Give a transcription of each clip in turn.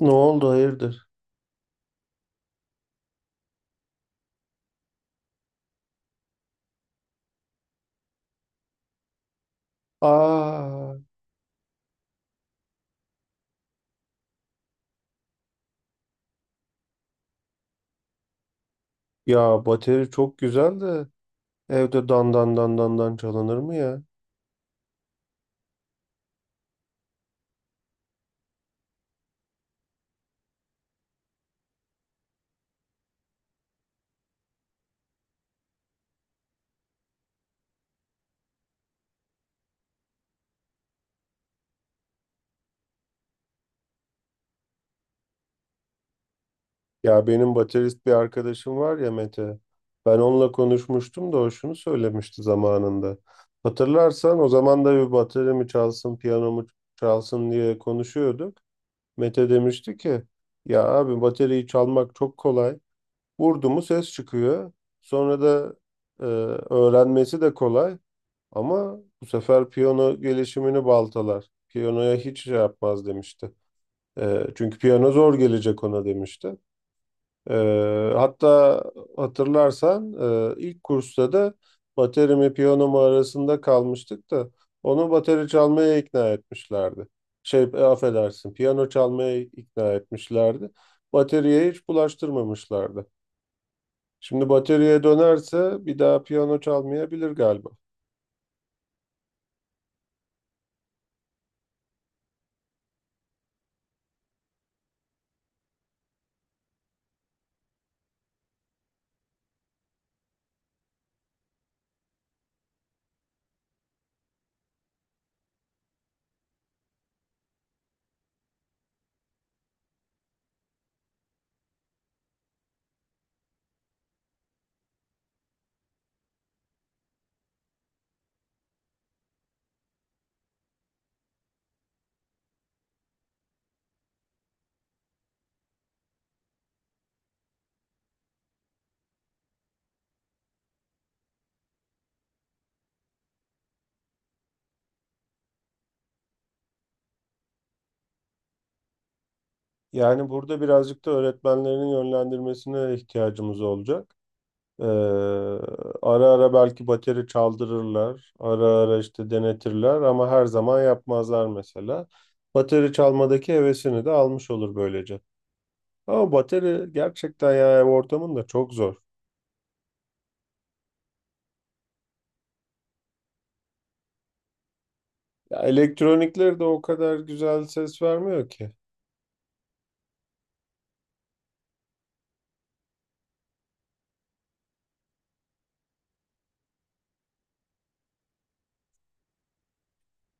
Ne oldu hayırdır? Aa, ya bateri çok güzel de evde dan dan dan dan dan çalınır mı ya? Ya benim baterist bir arkadaşım var ya Mete. Ben onunla konuşmuştum da o şunu söylemişti zamanında. Hatırlarsan o zaman da bir bateri mi çalsın, piyano mu çalsın diye konuşuyorduk. Mete demişti ki ya abi bateriyi çalmak çok kolay. Vurdu mu ses çıkıyor. Sonra da e, öğrenmesi de kolay. Ama bu sefer piyano gelişimini baltalar. Piyanoya hiç şey yapmaz demişti. Çünkü piyano zor gelecek ona demişti. E, Hatta hatırlarsan ilk kursta da bateri mi piyano mu arasında kalmıştık da onu bateri çalmaya ikna etmişlerdi. Şey affedersin piyano çalmaya ikna etmişlerdi. Bateriye hiç bulaştırmamışlardı. Şimdi bataryaya dönerse bir daha piyano çalmayabilir galiba. Yani burada birazcık da öğretmenlerin yönlendirmesine ihtiyacımız olacak. Ee, Ara ara belki bateri çaldırırlar, ara ara işte denetirler ama her zaman yapmazlar mesela. Bateri çalmadaki hevesini de almış olur böylece. Ama bateri gerçekten ya ev ortamında çok zor. Ya elektronikleri de o kadar güzel ses vermiyor ki.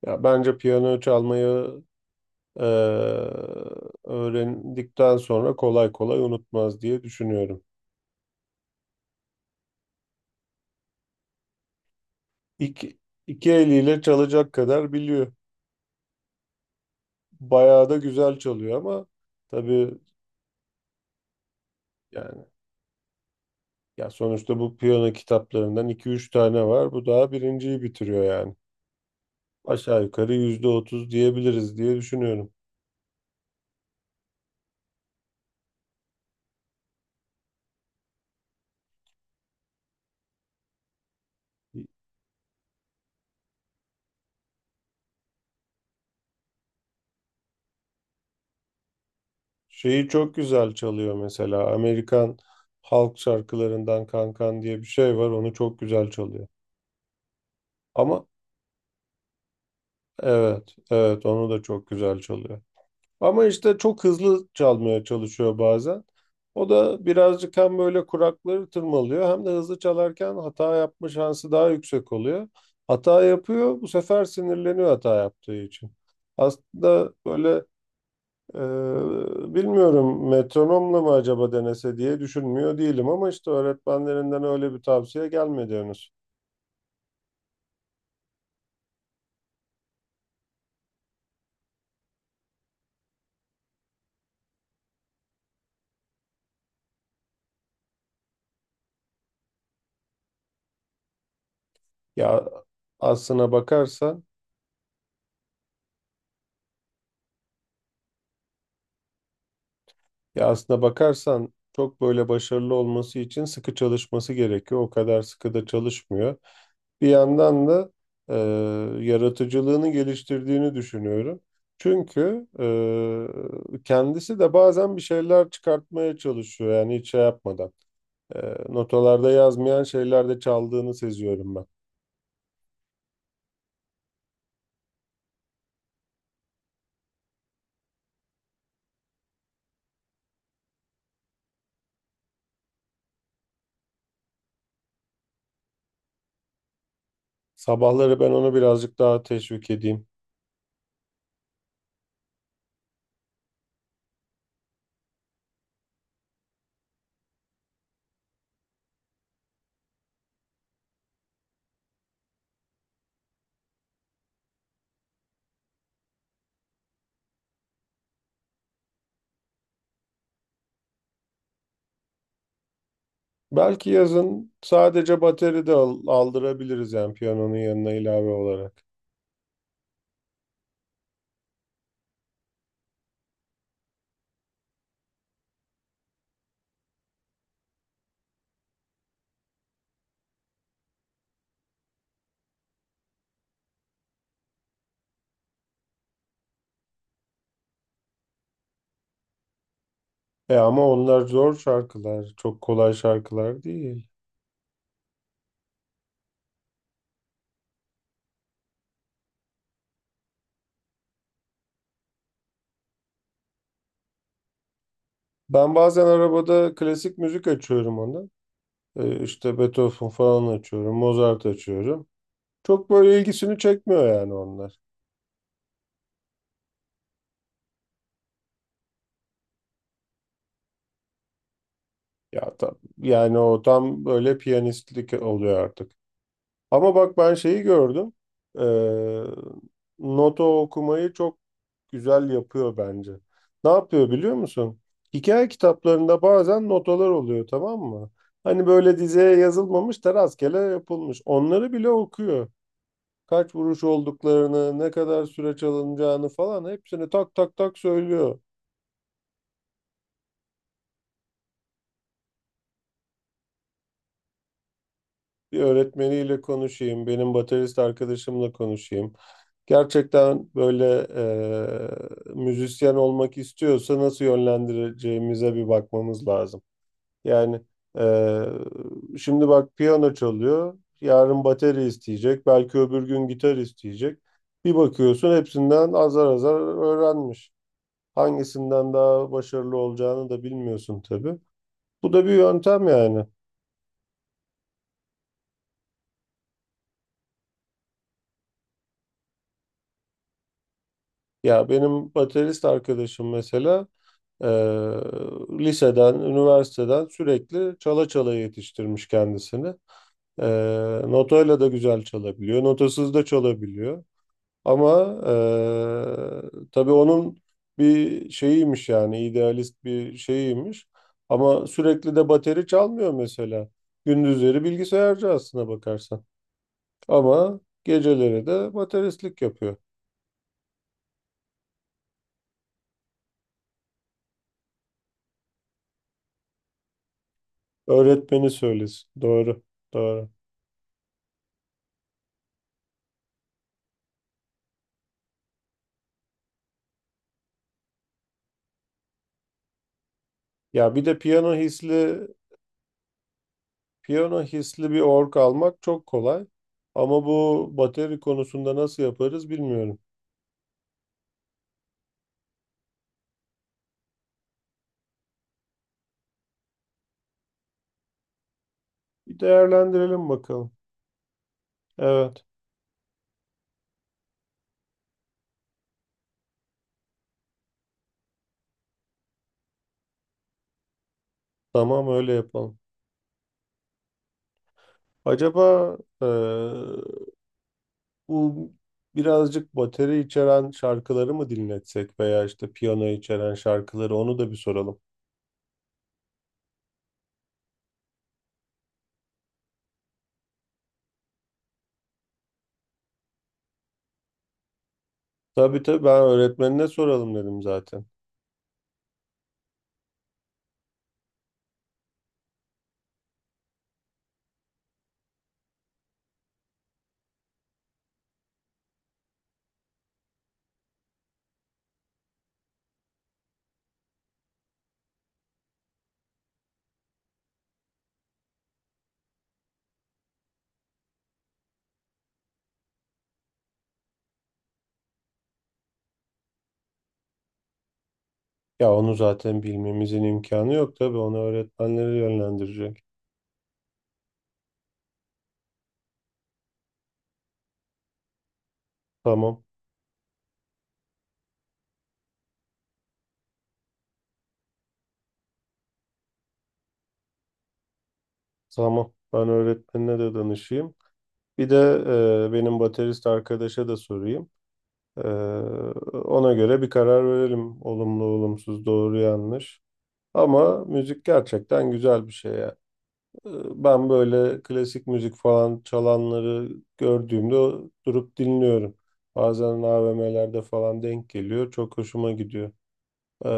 Ya bence piyano çalmayı e, öğrendikten sonra kolay kolay unutmaz diye düşünüyorum. İki, iki eliyle çalacak kadar biliyor. Bayağı da güzel çalıyor ama tabii yani ya sonuçta bu piyano kitaplarından iki üç tane var. Bu daha birinciyi bitiriyor yani. Aşağı yukarı %30 diyebiliriz diye düşünüyorum. Şeyi çok güzel çalıyor mesela. Amerikan halk şarkılarından Kankan diye bir şey var. Onu çok güzel çalıyor. Ama evet, evet onu da çok güzel çalıyor. Ama işte çok hızlı çalmaya çalışıyor bazen. O da birazcık hem böyle kurakları tırmalıyor hem de hızlı çalarken hata yapma şansı daha yüksek oluyor. Hata yapıyor, bu sefer sinirleniyor hata yaptığı için. Aslında böyle bilmiyorum metronomla mı acaba denese diye düşünmüyor değilim ama işte öğretmenlerinden öyle bir tavsiye gelmedi henüz. Ya aslına bakarsan Ya aslına bakarsan çok böyle başarılı olması için sıkı çalışması gerekiyor. O kadar sıkı da çalışmıyor. Bir yandan da e, yaratıcılığını geliştirdiğini düşünüyorum. Çünkü kendisi de bazen bir şeyler çıkartmaya çalışıyor yani hiç şey yapmadan. E, Notalarda yazmayan şeylerde çaldığını seziyorum ben. Sabahları ben onu birazcık daha teşvik edeyim. Belki yazın sadece bateri de aldırabiliriz yani piyanonun yanına ilave olarak. E ama onlar zor şarkılar. Çok kolay şarkılar değil. Ben bazen arabada klasik müzik açıyorum ona. İşte Beethoven falan açıyorum. Mozart açıyorum. Çok böyle ilgisini çekmiyor yani onlar. Ya tam, yani o tam böyle piyanistlik oluyor artık. Ama bak ben şeyi gördüm. Ee, Nota okumayı çok güzel yapıyor bence. Ne yapıyor biliyor musun? Hikaye kitaplarında bazen notalar oluyor, tamam mı? Hani böyle dizeye yazılmamış da rastgele yapılmış. Onları bile okuyor. Kaç vuruş olduklarını, ne kadar süre çalınacağını falan hepsini tak tak tak söylüyor. Bir öğretmeniyle konuşayım, benim baterist arkadaşımla konuşayım. Gerçekten böyle müzisyen olmak istiyorsa nasıl yönlendireceğimize bir bakmamız lazım. Yani şimdi bak piyano çalıyor, yarın bateri isteyecek, belki öbür gün gitar isteyecek. Bir bakıyorsun hepsinden azar azar öğrenmiş. Hangisinden daha başarılı olacağını da bilmiyorsun tabii. Bu da bir yöntem yani. Ya benim baterist arkadaşım mesela eee, liseden, üniversiteden sürekli çala çala yetiştirmiş kendisini. Notayla da güzel çalabiliyor, notasız da çalabiliyor. Ama tabii onun bir şeyiymiş yani idealist bir şeyiymiş. Ama sürekli de bateri çalmıyor mesela. Gündüzleri bilgisayarcı aslına bakarsan. Ama geceleri de bateristlik yapıyor. Öğretmeni söylesin. Doğru, doğru. Ya bir de piyano hisli bir org almak çok kolay. Ama bu bateri konusunda nasıl yaparız bilmiyorum. Bir değerlendirelim bakalım. Evet, tamam, öyle yapalım. Acaba bu birazcık bateri içeren şarkıları mı dinletsek veya işte piyano içeren şarkıları onu da bir soralım. Tabii tabii ben öğretmenine soralım dedim zaten. Ya onu zaten bilmemizin imkanı yok tabii, onu öğretmenleri yönlendirecek. Tamam. Tamam. Ben öğretmenine de danışayım. Bir de benim baterist arkadaşa da sorayım. E, Ona göre bir karar verelim. Olumlu, olumsuz, doğru, yanlış. Ama müzik gerçekten güzel bir şey ya. E, Ben böyle klasik müzik falan çalanları gördüğümde durup dinliyorum. Bazen AVM'lerde falan denk geliyor. Çok hoşuma gidiyor. E,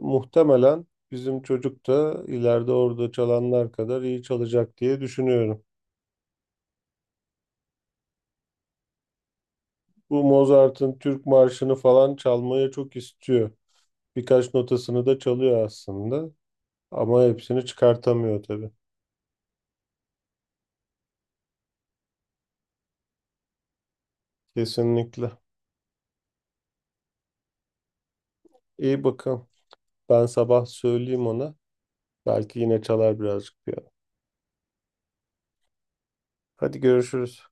Muhtemelen bizim çocuk da ileride orada çalanlar kadar iyi çalacak diye düşünüyorum. Bu Mozart'ın Türk Marşı'nı falan çalmaya çok istiyor. Birkaç notasını da çalıyor aslında. Ama hepsini çıkartamıyor tabii. Kesinlikle. İyi bakalım. Ben sabah söyleyeyim ona. Belki yine çalar birazcık piyano. Hadi görüşürüz.